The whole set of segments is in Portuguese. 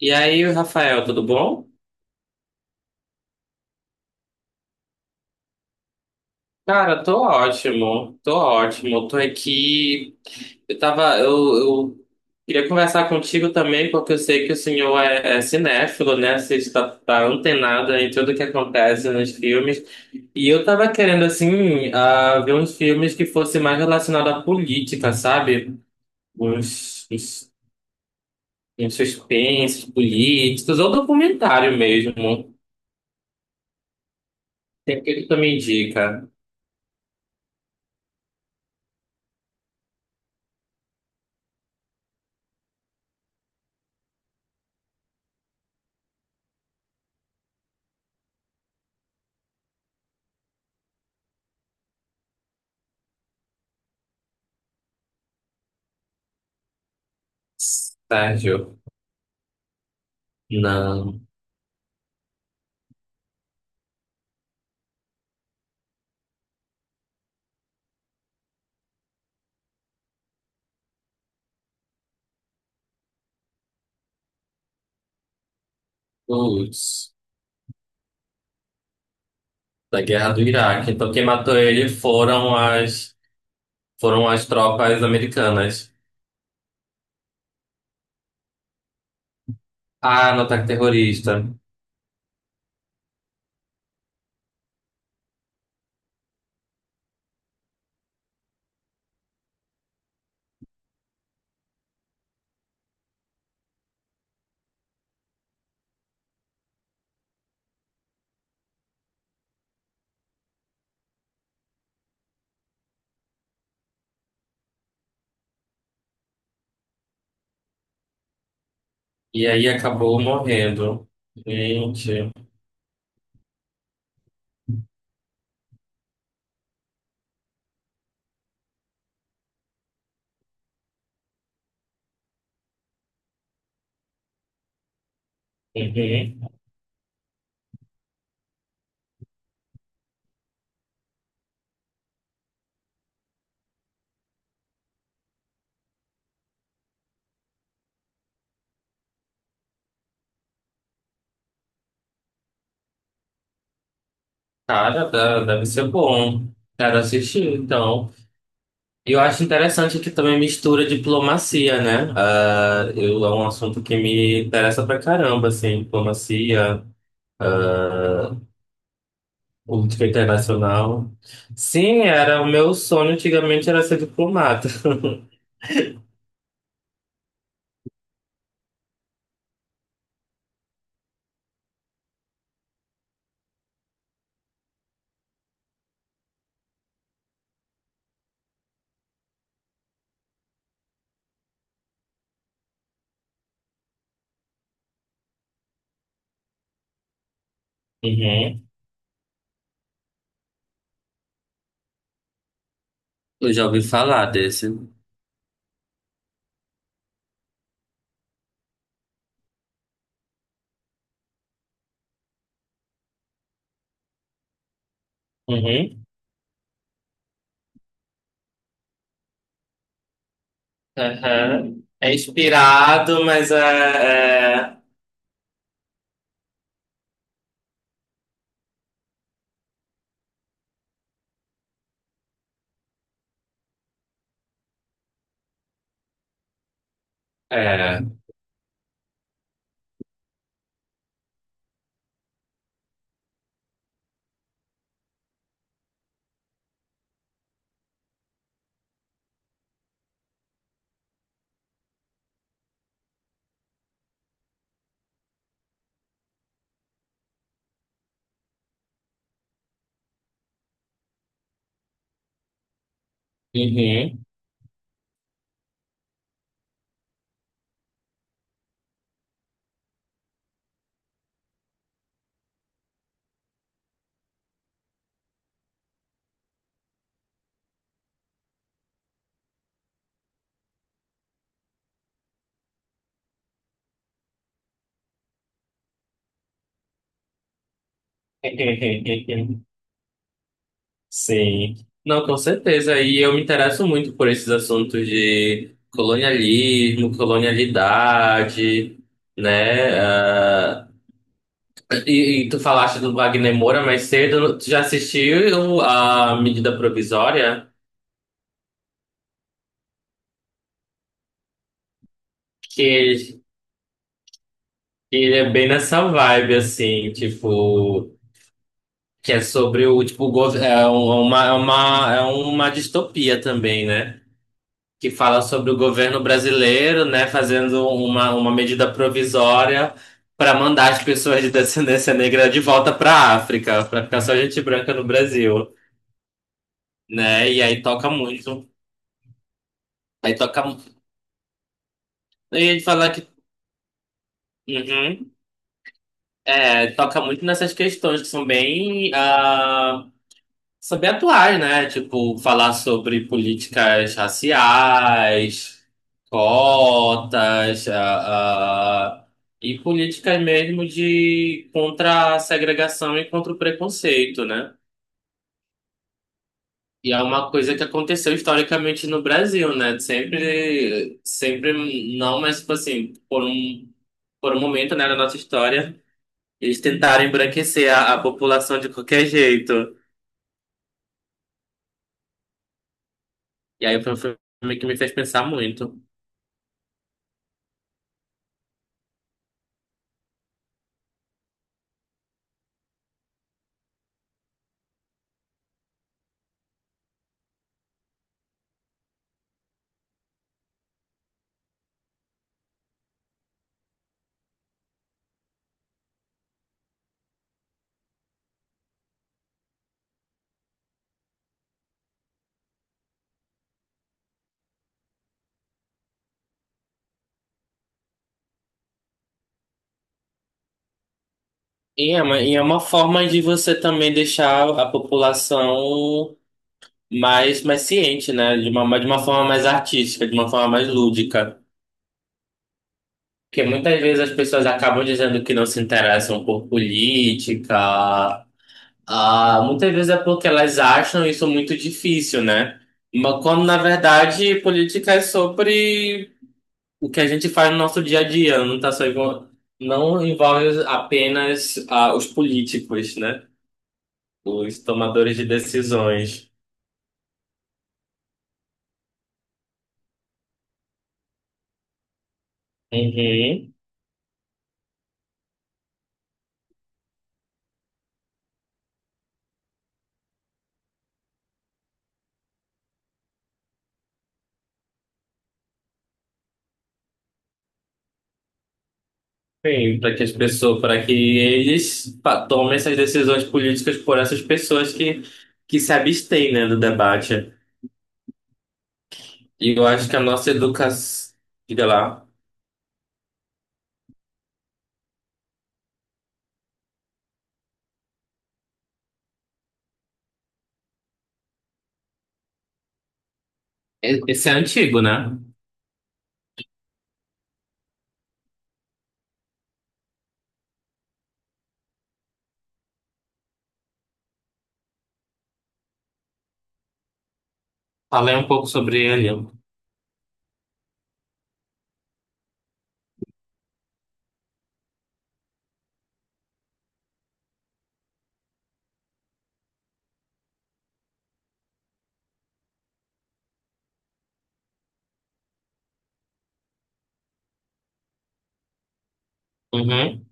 E aí, Rafael, tudo bom? Cara, tô ótimo, tô ótimo. Tô aqui. Eu queria conversar contigo também, porque eu sei que o senhor é cinéfilo, né? Você tá antenado em tudo que acontece nos filmes. E eu tava querendo, assim, ver uns filmes que fossem mais relacionados à política, sabe? Uns, uns, uns suspensos políticos, ou documentário mesmo. Tem que tu me indica, Sérgio? Não, putz, da guerra do Iraque. Então quem matou ele foram as tropas americanas. Ah, no ataque terrorista. E aí acabou morrendo. Gente. Uhum. Cara, da- deve ser bom. Quero assistir, então. E eu acho interessante que também mistura diplomacia, né? É um assunto que me interessa pra caramba, assim, diplomacia. Política internacional. Sim, era o meu sonho antigamente era ser diplomata. Uhum. Eu já ouvi falar desse. Uhum. Aham. É inspirado, mas é. É, é. Uhum. Sim. Não, com certeza. E eu me interesso muito por esses assuntos de colonialismo, colonialidade, né? E tu falaste do Wagner Moura mais cedo, tu já assistiu a Medida Provisória? Que ele, ele é bem nessa vibe, assim, tipo, que é sobre o, tipo, o gov- é uma distopia também, né? Que fala sobre o governo brasileiro, né, fazendo uma medida provisória para mandar as pessoas de descendência negra de volta para a África, para ficar só gente branca no Brasil, né? E aí toca muito. Aí toca, eu ia falar. Uhum. É, toca muito nessas questões que são bem, são bem atuais, né? Tipo, falar sobre políticas raciais, cotas, e políticas mesmo de contra a segregação e contra o preconceito, né? E é uma coisa que aconteceu historicamente no Brasil, né? Sempre, sempre não, mas tipo assim, por um momento, né, da nossa história. Eles tentaram embranquecer a população de qualquer jeito. E aí foi um filme que me fez pensar muito. E é uma forma de você também deixar a população mais ciente, né? De uma forma mais artística, de uma forma mais lúdica. Porque muitas vezes as pessoas acabam dizendo que não se interessam por política. Ah, muitas vezes é porque elas acham isso muito difícil, né? Mas quando na verdade política é sobre o que a gente faz no nosso dia a dia, não tá só envol- não envolve apenas os políticos, né? Os tomadores de decisões. Uhum. Sim, para que as pessoas, para que eles pa- tomem essas decisões políticas por essas pessoas que se abstêm, né, do debate. E eu acho que a nossa educação, diga lá. E- esse é antigo, né? Falei um pouco sobre ele. Uhum,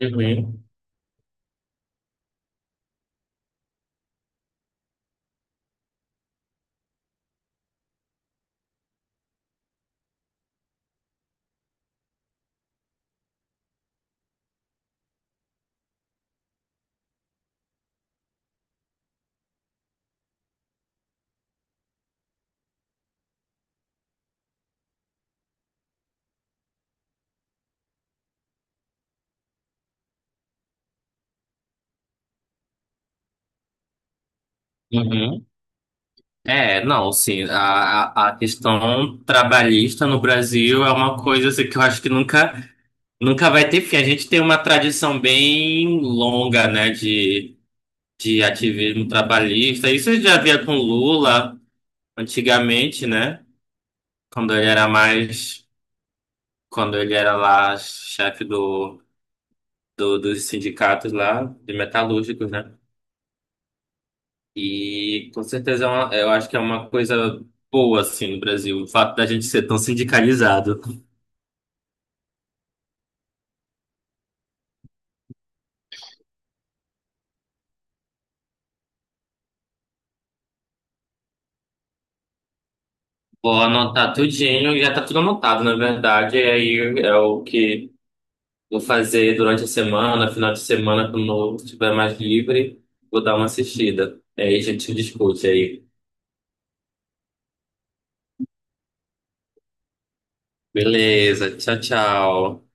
uhum, uhum. É, não, sim, a, a questão trabalhista no Brasil é uma coisa assim, que eu acho que nunca vai ter fim. A gente tem uma tradição bem longa, né, de ativismo trabalhista. Isso eu já via com Lula antigamente, né, quando ele era mais, quando ele era lá chefe dos sindicatos lá, de metalúrgicos, né? E com certeza é uma- eu acho que é uma coisa boa, assim, no Brasil, o fato da gente ser tão sindicalizado. Vou anotar tudinho, já tá tudo anotado, na verdade. E aí é o que vou fazer durante a semana, final de semana, quando eu estiver mais livre, vou dar uma assistida. Aí a gente discute aí. Beleza, tchau, tchau.